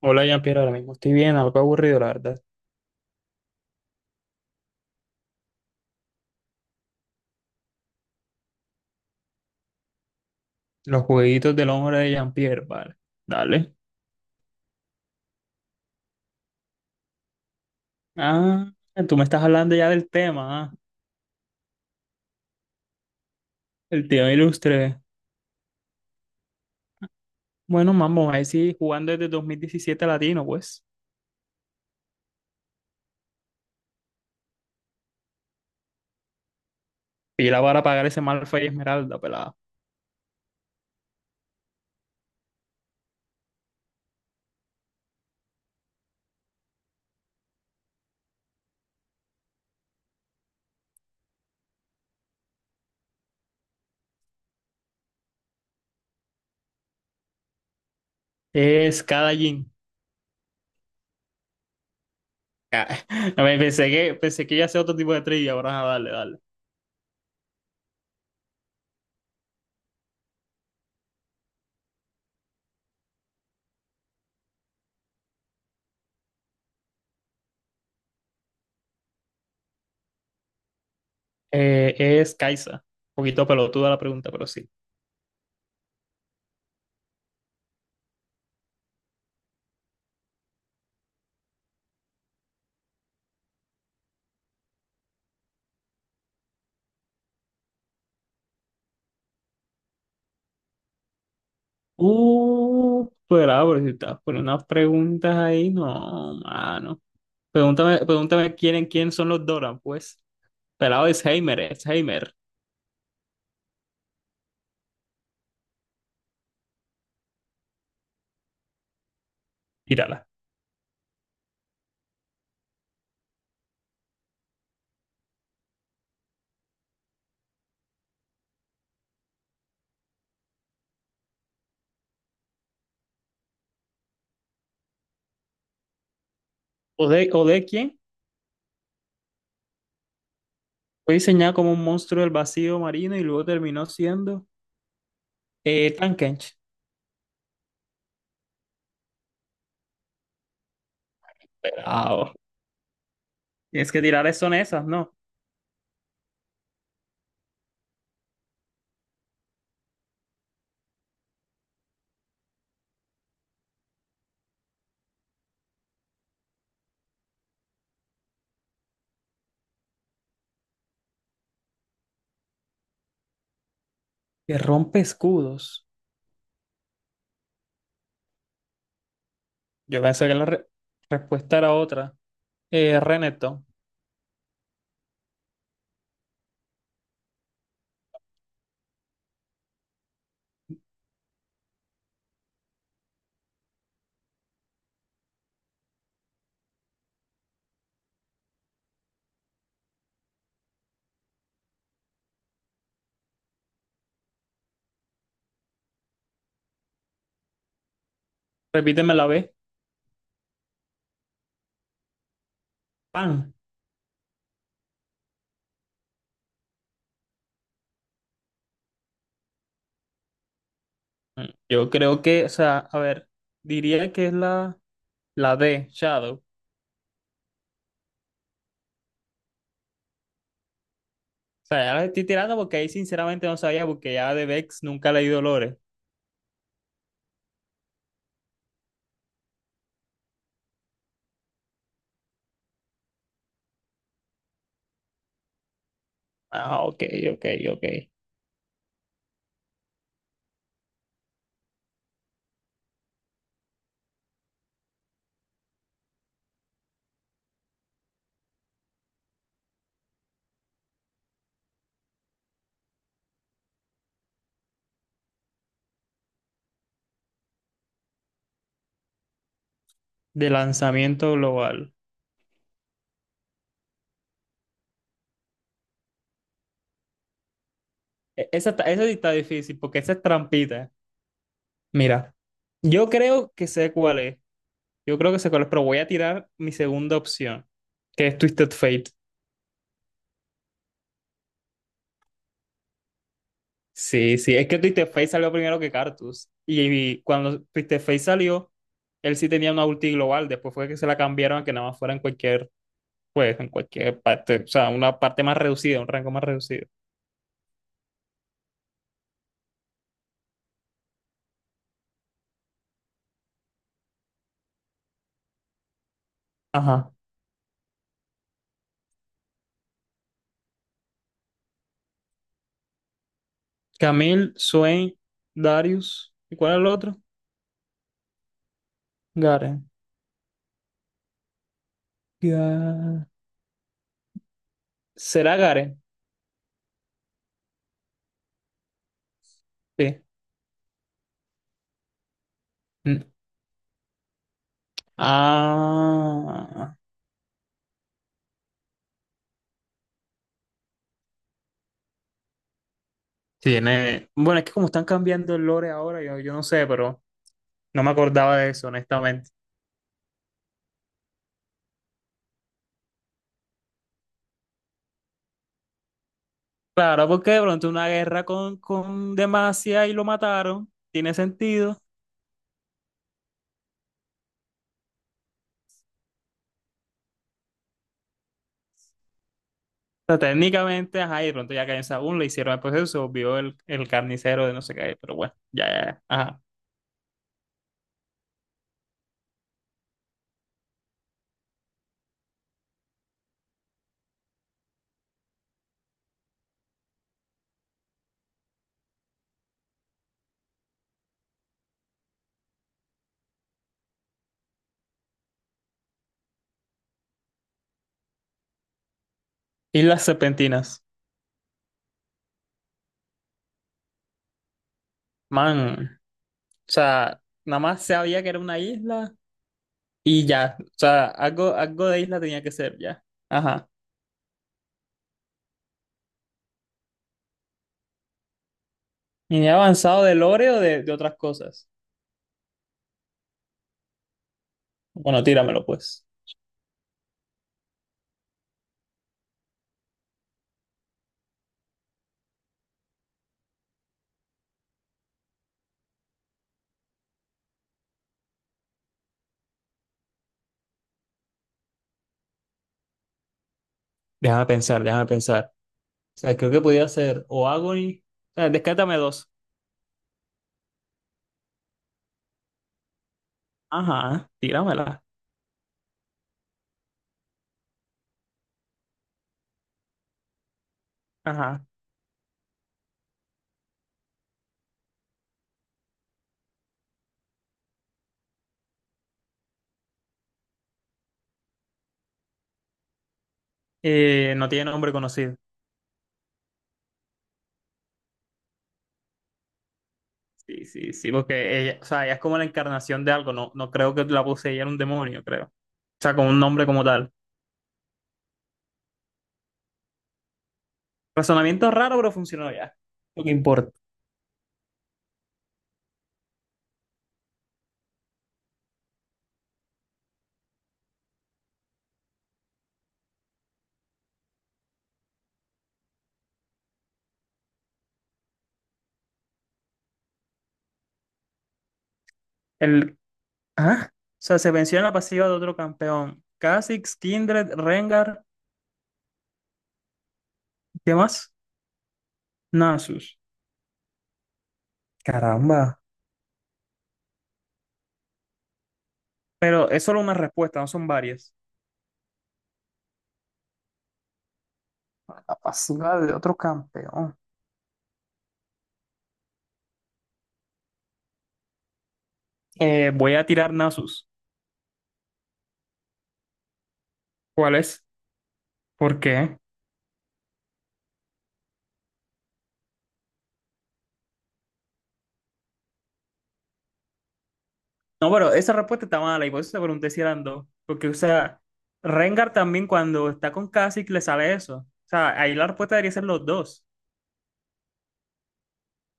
Hola Jean-Pierre, ahora mismo estoy bien, algo aburrido, la verdad. Los jueguitos del hombre de Jean-Pierre, vale. Dale. Ah, tú me estás hablando ya del tema, ah. El tema ilustre. Bueno, vamos a ver si jugando desde 2017 latino, pues. Pila para pagar ese mal y esmeralda, pelada. Es cada jean. A ver, pensé que iba a ser otro tipo de trivia, ahora ah, dale, dale. Es Kaisa. Un poquito pelotuda la pregunta, pero sí. Pero si estás poniendo unas preguntas ahí, no, mano. Pregúntame quién, en quién son los Doran, pues. Pelado es Heimer, es Heimer. Tírala. Ode quién? Fue diseñado como un monstruo del vacío marino y luego terminó siendo Tankench. Pelado. Tienes que tirar son esas, ¿no? Que rompe escudos. Yo pensé que la respuesta era otra. Renekton. Repíteme la B. Pan. Yo creo que, o sea, a ver, diría que es la, la D, Shadow. Sea, ya la estoy tirando porque ahí sinceramente no sabía, porque ya de Vex nunca leí Dolores. Ah, ok, ok, ok. De lanzamiento global. Esa, esa sí está difícil porque esa es trampita. Mira, yo creo que sé cuál es. Yo creo que sé cuál es, pero voy a tirar mi segunda opción, que es Twisted Fate. Sí, sí, es que Twisted Fate salió primero que Cartus. Y cuando Twisted Fate salió, él sí tenía una ulti global. Después fue que se la cambiaron a que nada más fuera en cualquier, pues en cualquier parte, o sea, una parte más reducida, un rango más reducido. Ajá. Camille, Swain, Darius, ¿y cuál es el otro? Garen. Ga- ¿Será Garen? Sí. Mm. Ah, tiene. Bueno, es que como están cambiando el lore ahora, yo no sé, pero no me acordaba de eso, honestamente. Claro, porque de pronto una guerra con Demacia y lo mataron, tiene sentido. Sea, técnicamente, ajá, y de pronto ya Caín Saúl le hicieron el proceso, se volvió el carnicero de no sé qué, pero bueno, ya, ya, ya, ajá. Islas Serpentinas, man, o sea, nada más sabía que era una isla y ya, o sea, algo, algo de isla tenía que ser, ya, ajá. Y ni he avanzado de lore o de otras cosas. Bueno, tíramelo pues. Déjame pensar. O sea, creo que podía ser o Agony, o sea, descártame dos. Ajá, tíramela. Ajá. No tiene nombre conocido. Sí, sí, sí, porque ella, o sea, ella es como la encarnación de algo, no, no creo que la poseyera un demonio, creo. O sea, con un nombre como tal. Razonamiento raro, pero funcionó ya. Lo que importa. El, ah, o sea, se venció en la pasiva de otro campeón. Kha'Zix, Kindred, Rengar, ¿qué más? Nasus. Caramba. Pero es solo una respuesta, no son varias. La pasiva de otro campeón. Voy a tirar Nasus. ¿Cuál es? ¿Por qué? No, pero esa respuesta está mala y por eso te pregunté si eran dos. Porque, o sea, Rengar también cuando está con Kha'Zix le sale eso. O sea, ahí la respuesta debería ser los dos.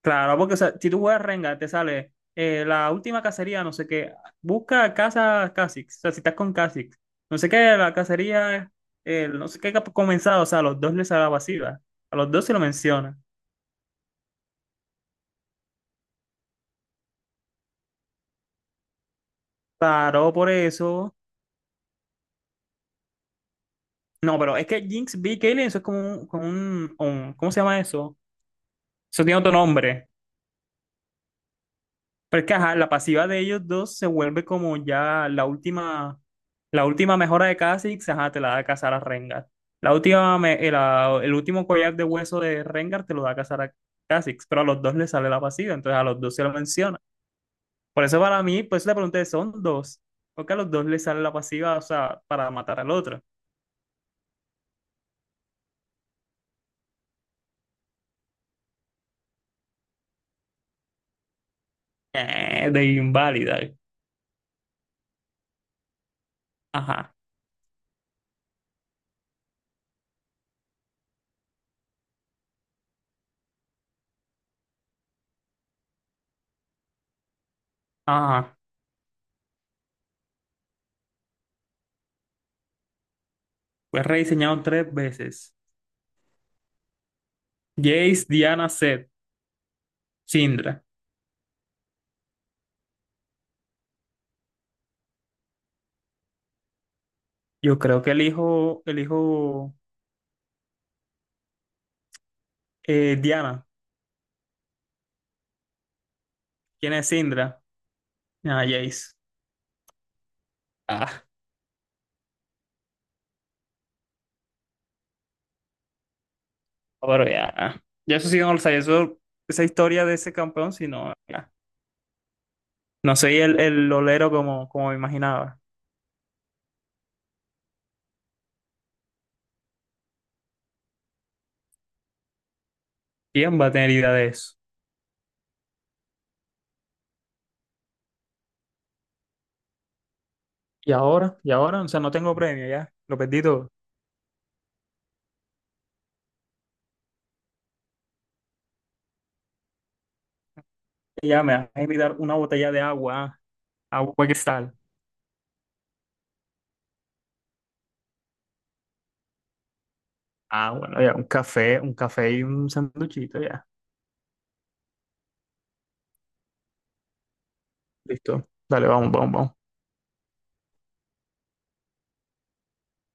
Claro, porque o sea, si tú juegas Rengar, te sale la última cacería, no sé qué. Busca casa Kha'Zix. O sea, si estás con Kha'Zix. No sé qué, la cacería, no sé qué ha comenzado. O sea, a los dos les sale la pasiva. A los dos se lo menciona. Claro, por eso. No, pero es que Jinx, B, y Kayle, eso es como un, ¿cómo se llama eso? Eso tiene otro nombre. Porque ajá, la pasiva de ellos dos se vuelve como ya la última mejora de Kha'Zix, ajá, te la da Cazar a Rengar. La última, el último collar de hueso de Rengar te lo da Cazar a Kha'Zix, pero a los dos les sale la pasiva, entonces a los dos se lo menciona. Por eso para mí, pues le pregunté, son dos, porque a los dos les sale la pasiva, o sea, para matar al otro. De inválida. Ajá, ajá. Fue rediseñado 3 veces. Jace, Diana, Zed, Syndra. Yo creo que elijo, elijo Diana. ¿Quién es Indra? Ah, Jace. Ah, pero ya. Ya eso sí no lo sabía. Eso, esa historia de ese campeón, si no, ya. No soy el olero como, como me imaginaba. ¿Quién va a tener idea de eso? Y ahora, o sea, no tengo premio ya. Lo perdí todo. Y ya me vas a invitar una botella de agua, ah, agua cristal. Ah, bueno, ya, un café y un sanduchito, ya. Listo. Dale, vamos, vamos, vamos.